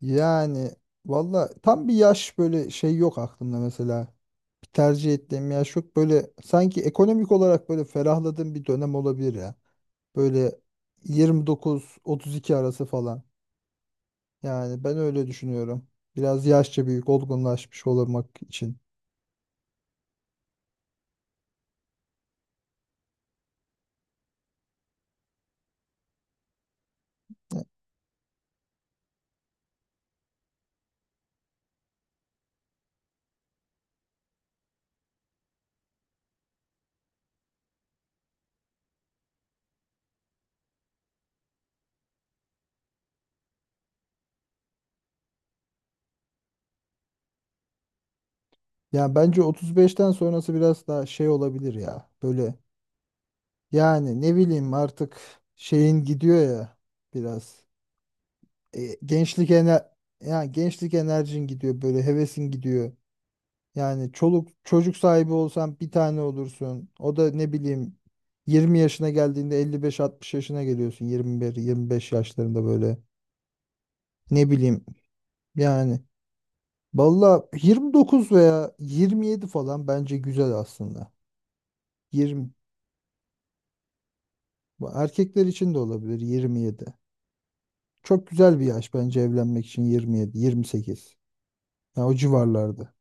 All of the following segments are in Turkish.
Yani valla tam bir yaş böyle şey yok aklımda mesela. Bir tercih ettiğim yaş yok. Böyle sanki ekonomik olarak böyle ferahladığım bir dönem olabilir ya. Böyle 29-32 arası falan. Yani ben öyle düşünüyorum. Biraz yaşça büyük olgunlaşmış olmak için. Yani bence 35'ten sonrası biraz daha şey olabilir ya. Böyle yani ne bileyim artık şeyin gidiyor ya biraz. E, gençlik ener yani gençlik enerjin gidiyor böyle hevesin gidiyor. Yani çoluk çocuk sahibi olsan bir tane olursun. O da ne bileyim 20 yaşına geldiğinde 55-60 yaşına geliyorsun. 21-25 yaşlarında böyle. Ne bileyim yani. Valla 29 veya 27 falan bence güzel aslında. 20 bu erkekler için de olabilir 27. Çok güzel bir yaş bence evlenmek için 27, 28. Yani o civarlarda.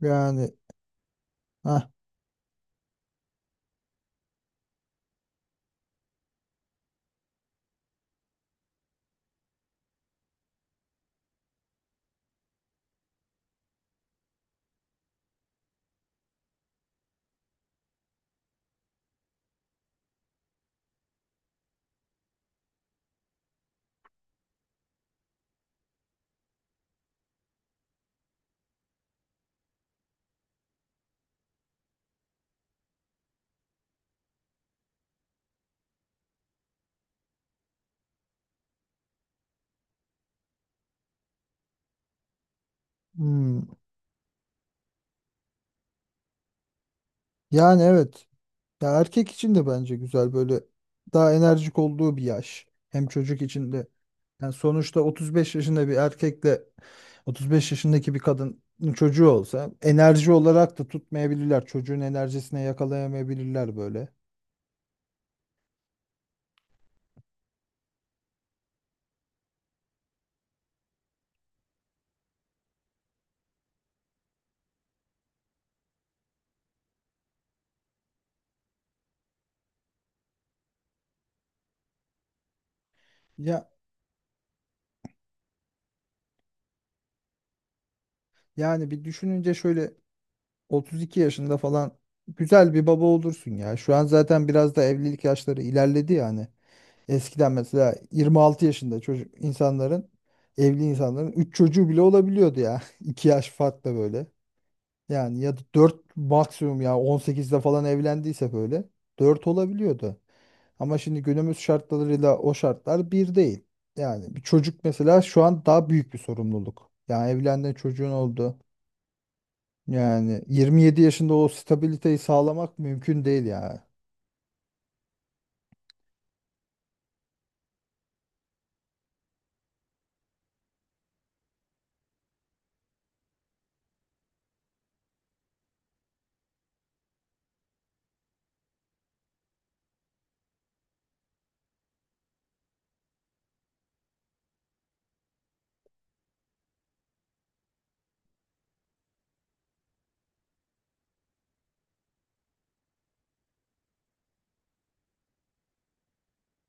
Yani ah Yani evet. Ya erkek için de bence güzel böyle daha enerjik olduğu bir yaş. Hem çocuk için de. Yani sonuçta 35 yaşında bir erkekle 35 yaşındaki bir kadının çocuğu olsa enerji olarak da tutmayabilirler. Çocuğun enerjisine yakalayamayabilirler böyle. Ya yani bir düşününce şöyle 32 yaşında falan güzel bir baba olursun ya. Şu an zaten biraz da evlilik yaşları ilerledi yani. Eskiden mesela 26 yaşında çocuk insanların evli insanların 3 çocuğu bile olabiliyordu ya. 2 yaş farkla böyle. Yani ya da 4 maksimum ya 18'de falan evlendiyse böyle 4 olabiliyordu. Ama şimdi günümüz şartlarıyla o şartlar bir değil. Yani bir çocuk mesela şu an daha büyük bir sorumluluk. Yani evlendin çocuğun oldu. Yani 27 yaşında o stabiliteyi sağlamak mümkün değil yani.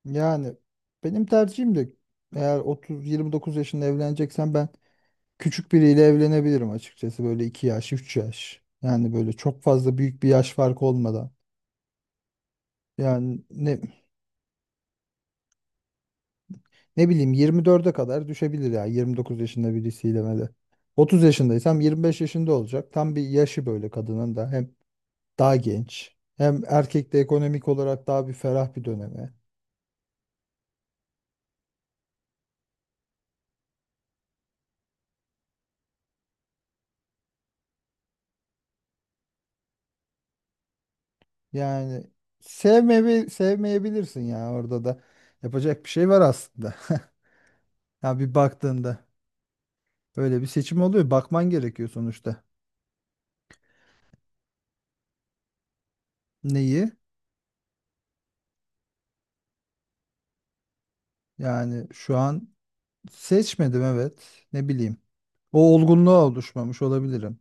Yani benim tercihim de eğer 30 29 yaşında evleneceksen ben küçük biriyle evlenebilirim açıkçası böyle 2 yaş 3 yaş. Yani böyle çok fazla büyük bir yaş farkı olmadan. Yani ne bileyim 24'e kadar düşebilir ya 29 yaşında birisiyle böyle. 30 yaşındaysam 25 yaşında olacak. Tam bir yaşı böyle kadının da. Hem daha genç. Hem erkek de ekonomik olarak daha bir ferah bir döneme. Yani sevmeyebilirsin ya orada da. Yapacak bir şey var aslında. Ya bir baktığında böyle bir seçim oluyor. Bakman gerekiyor sonuçta. Neyi? Yani şu an seçmedim evet. Ne bileyim. O olgunluğa oluşmamış olabilirim.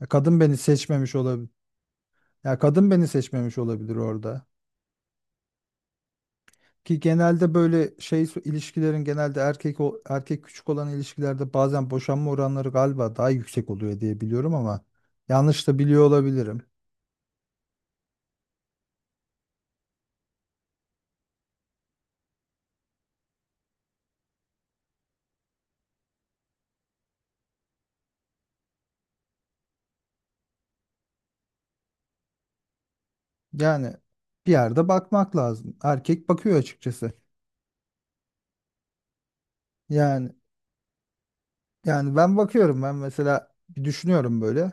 Ya kadın beni seçmemiş olabilir. Ya kadın beni seçmemiş olabilir orada. Ki genelde böyle ilişkilerin genelde erkek küçük olan ilişkilerde bazen boşanma oranları galiba daha yüksek oluyor diye biliyorum ama yanlış da biliyor olabilirim. Yani bir yerde bakmak lazım. Erkek bakıyor açıkçası. Yani yani ben bakıyorum ben mesela bir düşünüyorum böyle.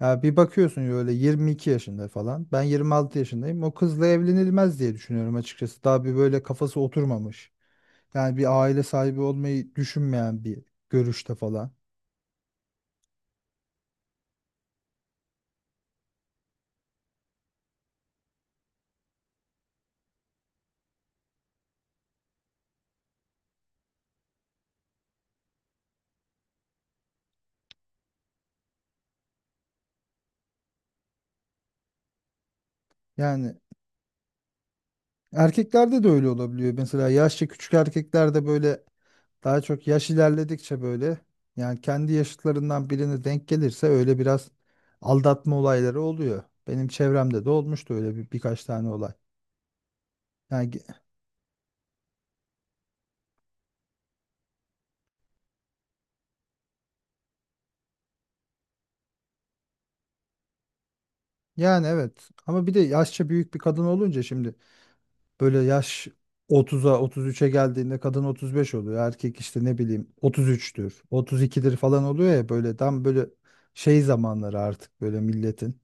Ya bir bakıyorsun böyle 22 yaşında falan. Ben 26 yaşındayım. O kızla evlenilmez diye düşünüyorum açıkçası. Daha bir böyle kafası oturmamış. Yani bir aile sahibi olmayı düşünmeyen bir görüşte falan. Yani erkeklerde de öyle olabiliyor. Mesela yaşça küçük erkeklerde böyle daha çok yaş ilerledikçe böyle yani kendi yaşıtlarından birine denk gelirse öyle biraz aldatma olayları oluyor. Benim çevremde de olmuştu öyle birkaç tane olay. Yani Yani evet ama bir de yaşça büyük bir kadın olunca şimdi böyle yaş 30'a 33'e geldiğinde kadın 35 oluyor. Erkek işte ne bileyim 33'tür 32'dir falan oluyor ya böyle tam böyle şey zamanları artık böyle milletin.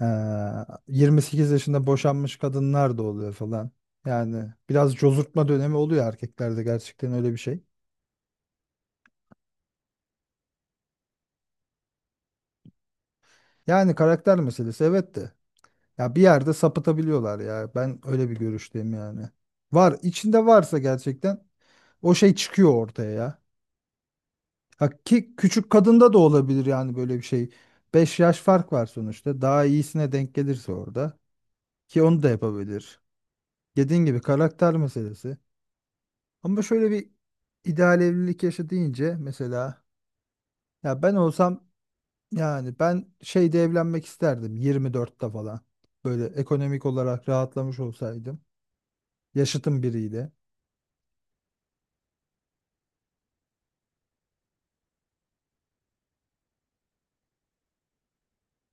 Ee, 28 yaşında boşanmış kadınlar da oluyor falan. Yani biraz cozurtma dönemi oluyor erkeklerde gerçekten öyle bir şey. Yani karakter meselesi evet de ya bir yerde sapıtabiliyorlar ya ben öyle bir görüşteyim yani. Var içinde varsa gerçekten o şey çıkıyor ortaya ya. Ha, ki küçük kadında da olabilir yani böyle bir şey. 5 yaş fark var sonuçta. Daha iyisine denk gelirse orada. Ki onu da yapabilir. Dediğin gibi karakter meselesi. Ama şöyle bir ideal evlilik yaşı deyince mesela ya ben olsam yani ben şeyde evlenmek isterdim 24'te falan. Böyle ekonomik olarak rahatlamış olsaydım. Yaşıtım biriyle.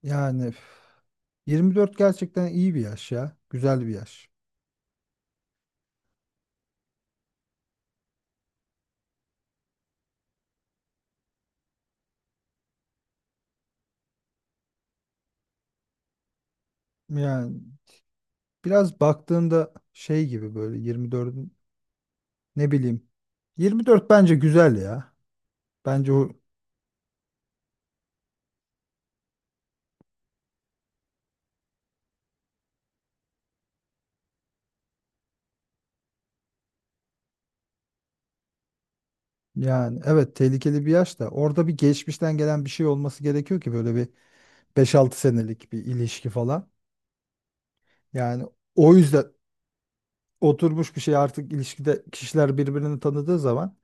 Yani üf, 24 gerçekten iyi bir yaş ya. Güzel bir yaş. Yani biraz baktığında şey gibi böyle 24'ün ne bileyim 24 bence güzel ya. Bence o yani evet tehlikeli bir yaş da orada bir geçmişten gelen bir şey olması gerekiyor ki böyle bir beş altı senelik bir ilişki falan. Yani o yüzden oturmuş bir şey artık ilişkide kişiler birbirini tanıdığı zaman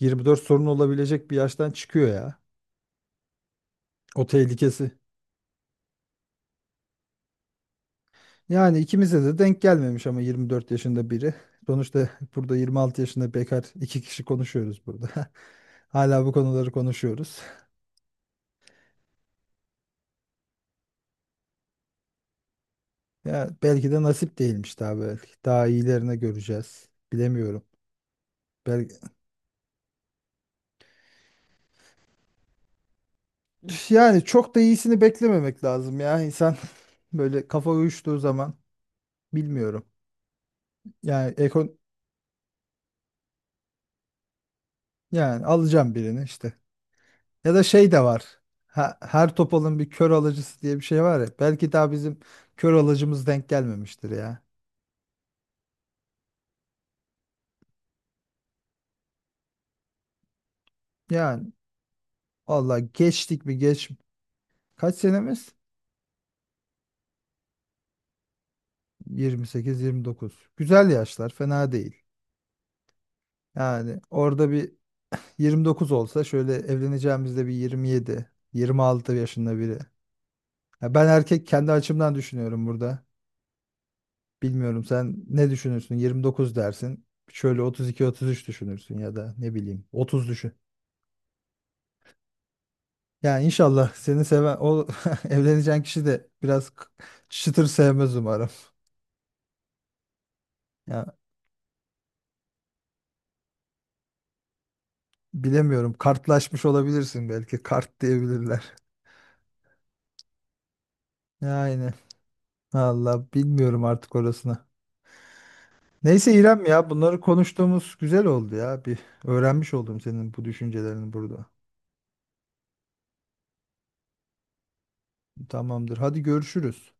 24 sorun olabilecek bir yaştan çıkıyor ya. O tehlikesi. Yani ikimize de denk gelmemiş ama 24 yaşında biri. Sonuçta burada 26 yaşında bekar iki kişi konuşuyoruz burada. Hala bu konuları konuşuyoruz. Ya belki de nasip değilmiş daha belki. Daha iyilerini göreceğiz. Bilemiyorum. Belki... Üf, yani çok da iyisini beklememek lazım ya. İnsan böyle kafa uyuştuğu zaman bilmiyorum. Yani ekon yani alacağım birini işte. Ya da şey de var. Her topalın bir kör alıcısı diye bir şey var ya. Belki daha bizim kör alıcımız denk gelmemiştir ya. Yani valla geçtik mi geç. Kaç senemiz? 28 29. Güzel yaşlar, fena değil. Yani orada bir 29 olsa şöyle evleneceğimizde bir 27, 26 yaşında biri. Ya ben erkek kendi açımdan düşünüyorum burada. Bilmiyorum sen ne düşünürsün? 29 dersin. Şöyle 32-33 düşünürsün ya da ne bileyim 30 düşün. Yani inşallah seni seven o evleneceğin kişi de biraz çıtır sevmez umarım. Ya bilemiyorum kartlaşmış olabilirsin belki kart diyebilirler. Yani valla bilmiyorum artık orasını. Neyse İrem ya bunları konuştuğumuz güzel oldu ya. Bir öğrenmiş oldum senin bu düşüncelerini burada. Tamamdır. Hadi görüşürüz.